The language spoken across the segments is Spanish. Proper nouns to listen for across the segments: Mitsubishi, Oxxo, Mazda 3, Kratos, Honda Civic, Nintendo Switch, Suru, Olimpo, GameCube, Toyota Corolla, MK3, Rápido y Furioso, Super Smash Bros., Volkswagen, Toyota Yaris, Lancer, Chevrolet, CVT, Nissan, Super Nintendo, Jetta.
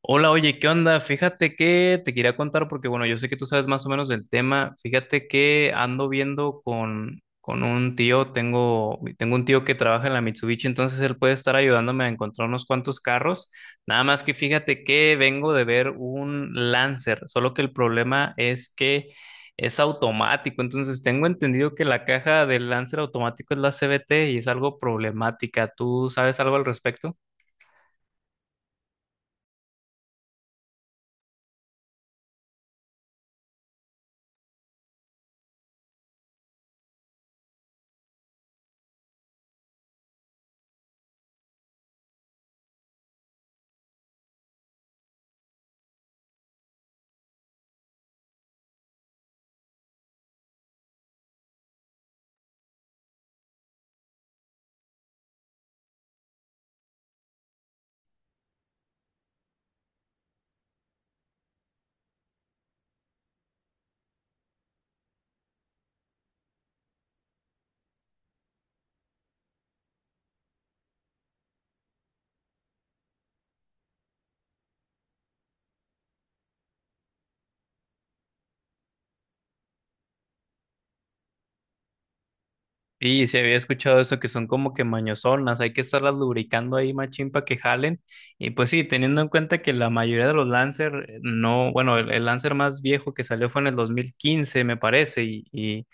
Hola, oye, ¿qué onda? Fíjate que te quería contar porque, bueno, yo sé que tú sabes más o menos del tema. Fíjate que ando viendo con un tío, tengo un tío que trabaja en la Mitsubishi, entonces él puede estar ayudándome a encontrar unos cuantos carros. Nada más que fíjate que vengo de ver un Lancer, solo que el problema es que es automático, entonces tengo entendido que la caja del Lancer automático es la CVT y es algo problemática. ¿Tú sabes algo al respecto? Y se había escuchado eso que son como que mañosonas, hay que estarlas lubricando ahí machín para que jalen. Y pues sí, teniendo en cuenta que la mayoría de los Lancer no, bueno, el Lancer más viejo que salió fue en el 2015, me parece, y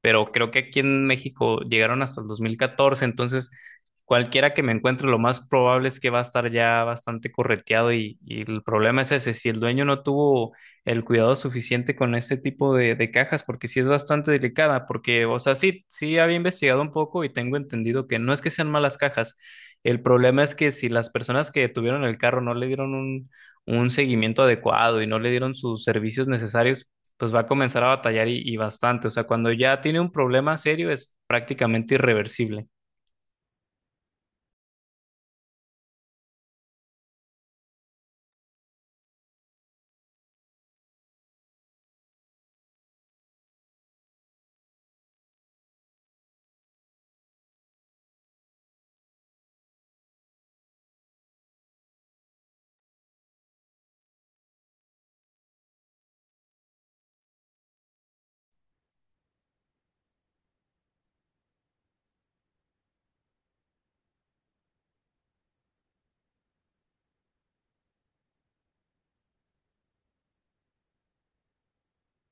pero creo que aquí en México llegaron hasta el 2014, entonces cualquiera que me encuentre, lo más probable es que va a estar ya bastante correteado y el problema es ese, si el dueño no tuvo el cuidado suficiente con este tipo de cajas, porque sí es bastante delicada, porque, o sea, sí, sí había investigado un poco y tengo entendido que no es que sean malas cajas, el problema es que si las personas que tuvieron el carro no le dieron un seguimiento adecuado y no le dieron sus servicios necesarios, pues va a comenzar a batallar y bastante. O sea, cuando ya tiene un problema serio es prácticamente irreversible.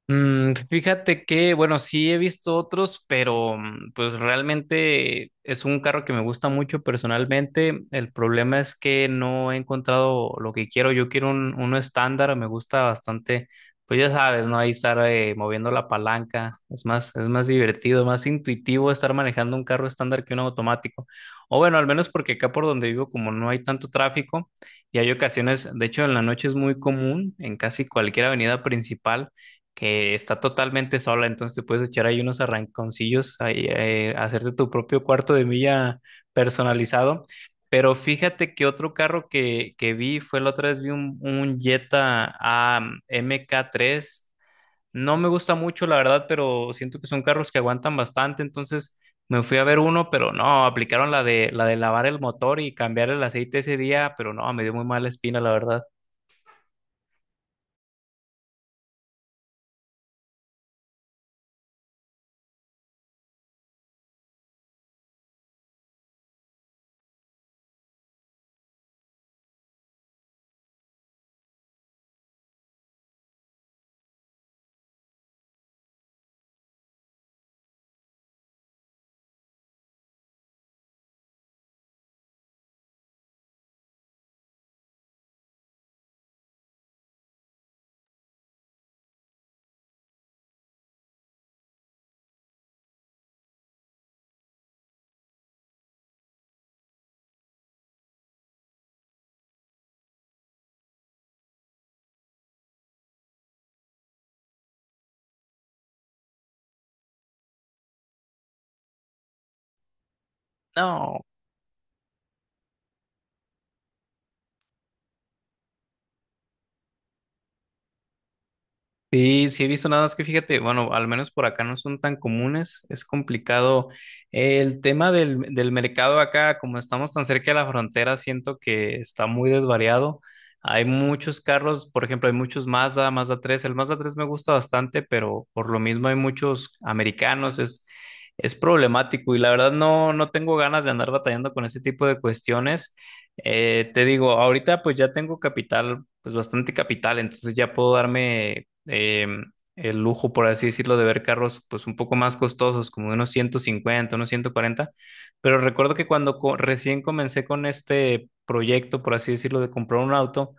Fíjate que, bueno, sí he visto otros, pero pues realmente es un carro que me gusta mucho personalmente. El problema es que no he encontrado lo que quiero. Yo quiero uno estándar, me gusta bastante. Pues ya sabes, ¿no? Ahí estar moviendo la palanca. Es más divertido, más intuitivo estar manejando un carro estándar que un automático. O bueno, al menos porque acá por donde vivo, como no hay tanto tráfico, y hay ocasiones, de hecho, en la noche es muy común en casi cualquier avenida principal que está totalmente sola, entonces te puedes echar ahí unos arranconcillos, ahí, hacerte tu propio cuarto de milla personalizado. Pero fíjate que otro carro que vi fue la otra vez, vi un Jetta MK3. No me gusta mucho, la verdad, pero siento que son carros que aguantan bastante, entonces me fui a ver uno, pero no, aplicaron la de lavar el motor y cambiar el aceite ese día, pero no, me dio muy mala espina, la verdad. No. Sí, sí he visto nada más que fíjate, bueno, al menos por acá no son tan comunes, es complicado. El tema del mercado acá, como estamos tan cerca de la frontera, siento que está muy desvariado. Hay muchos carros, por ejemplo, hay muchos Mazda, Mazda 3. El Mazda 3 me gusta bastante, pero por lo mismo hay muchos americanos, es problemático y la verdad no, no tengo ganas de andar batallando con ese tipo de cuestiones. Te digo, ahorita pues ya tengo capital, pues bastante capital, entonces ya puedo darme el lujo, por así decirlo, de ver carros pues un poco más costosos, como de unos 150, unos 140. Pero recuerdo que cuando recién comencé con este proyecto, por así decirlo, de comprar un auto,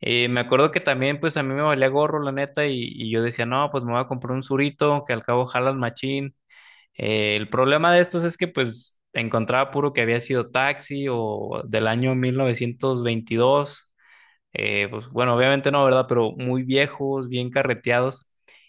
me acuerdo que también pues a mí me valía gorro, la neta, y yo decía, no, pues me voy a comprar un Surito, que al cabo jalan machín, el problema de estos es que pues encontraba puro que había sido Taxi o del año 1922. Pues bueno, obviamente no, ¿verdad? Pero muy viejos, bien carreteados.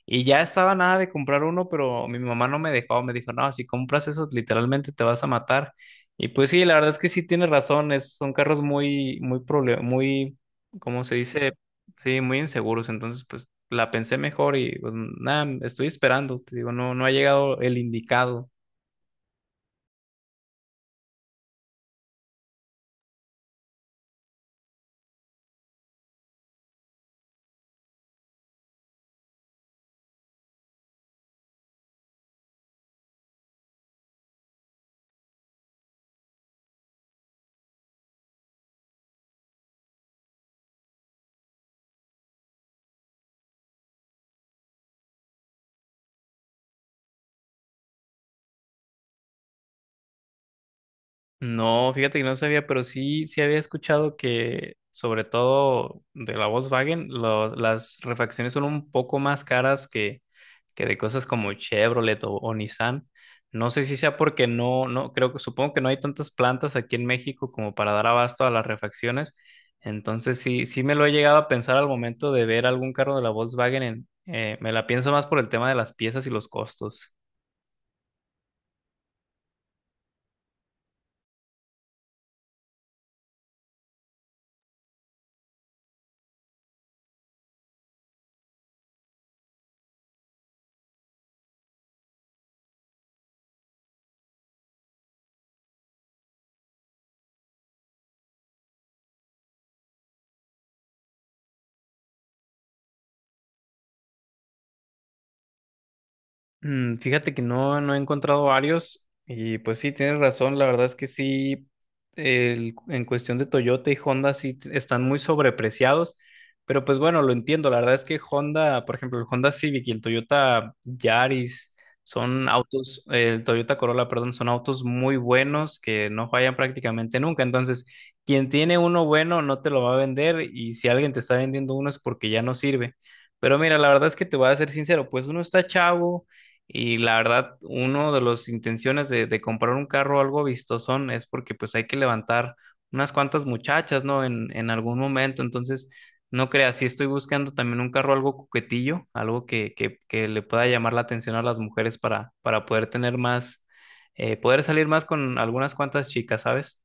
Y ya estaba nada de comprar uno, pero mi mamá no me dejó, me dijo, no, si compras eso, literalmente te vas a matar. Y pues sí, la verdad es que sí tiene razón, son carros muy, muy, muy, ¿cómo se dice? Sí, muy inseguros, entonces pues la pensé mejor y pues nada, estoy esperando, te digo, no, no ha llegado el indicado. No, fíjate que no sabía, pero sí, sí había escuchado que, sobre todo de la Volkswagen, las refacciones son un poco más caras que de cosas como Chevrolet o Nissan. No sé si sea porque no, no, creo que supongo que no hay tantas plantas aquí en México como para dar abasto a las refacciones. Entonces sí, sí me lo he llegado a pensar al momento de ver algún carro de la Volkswagen me la pienso más por el tema de las piezas y los costos. Fíjate que no, no he encontrado varios y pues sí, tienes razón, la verdad es que sí, en cuestión de Toyota y Honda sí están muy sobrepreciados, pero pues bueno, lo entiendo, la verdad es que Honda, por ejemplo, el Honda Civic y el Toyota Yaris son autos, el Toyota Corolla, perdón, son autos muy buenos que no fallan prácticamente nunca, entonces quien tiene uno bueno no te lo va a vender y si alguien te está vendiendo uno es porque ya no sirve. Pero mira, la verdad es que te voy a ser sincero, pues uno está chavo y la verdad, uno de las intenciones de comprar un carro algo vistosón es porque pues hay que levantar unas cuantas muchachas, ¿no? En algún momento. Entonces, no creas, sí estoy buscando también un carro algo coquetillo, algo que le pueda llamar la atención a las mujeres para poder tener más, poder salir más con algunas cuantas chicas, ¿sabes?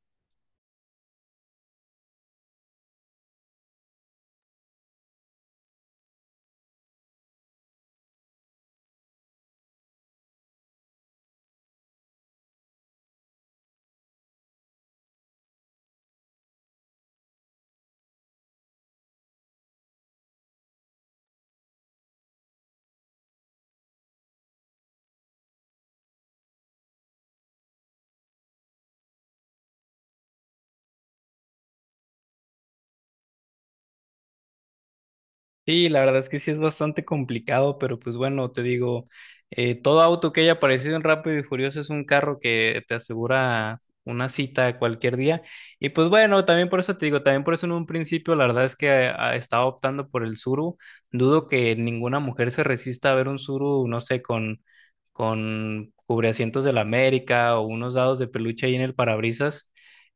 Sí, la verdad es que sí es bastante complicado, pero pues bueno, te digo, todo auto que haya aparecido en Rápido y Furioso es un carro que te asegura una cita cualquier día. Y pues bueno, también por eso te digo, también por eso en un principio la verdad es que estaba optando por el Suru. Dudo que ninguna mujer se resista a ver un Suru, no sé, con cubreasientos de la América o unos dados de peluche ahí en el parabrisas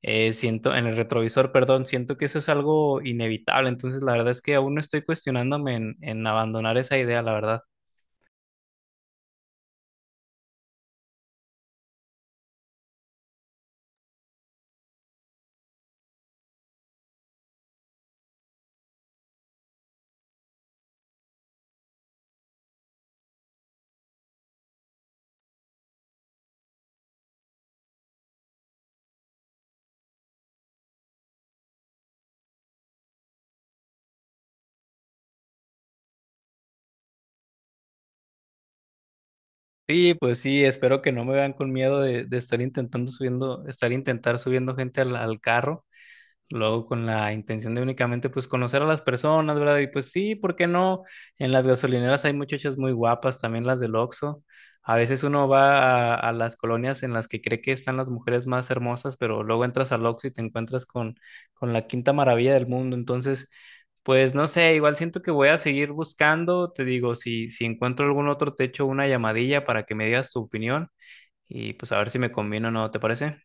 siento, en el retrovisor, perdón, siento que eso es algo inevitable. Entonces, la verdad es que aún no estoy cuestionándome en abandonar esa idea, la verdad. Sí, pues sí, espero que no me vean con miedo de estar intentando subiendo, estar intentar subiendo gente al carro. Luego con la intención de únicamente pues conocer a las personas, ¿verdad? Y pues sí, ¿por qué no? En las gasolineras hay muchachas muy guapas, también las del Oxxo. A veces uno va a las colonias en las que cree que están las mujeres más hermosas, pero luego entras al Oxxo y te encuentras con la quinta maravilla del mundo. Entonces, pues no sé, igual siento que voy a seguir buscando. Te digo, si, si encuentro algún otro techo, una llamadilla para que me digas tu opinión y pues a ver si me conviene o no, ¿te parece?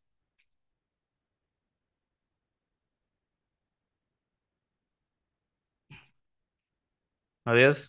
Adiós.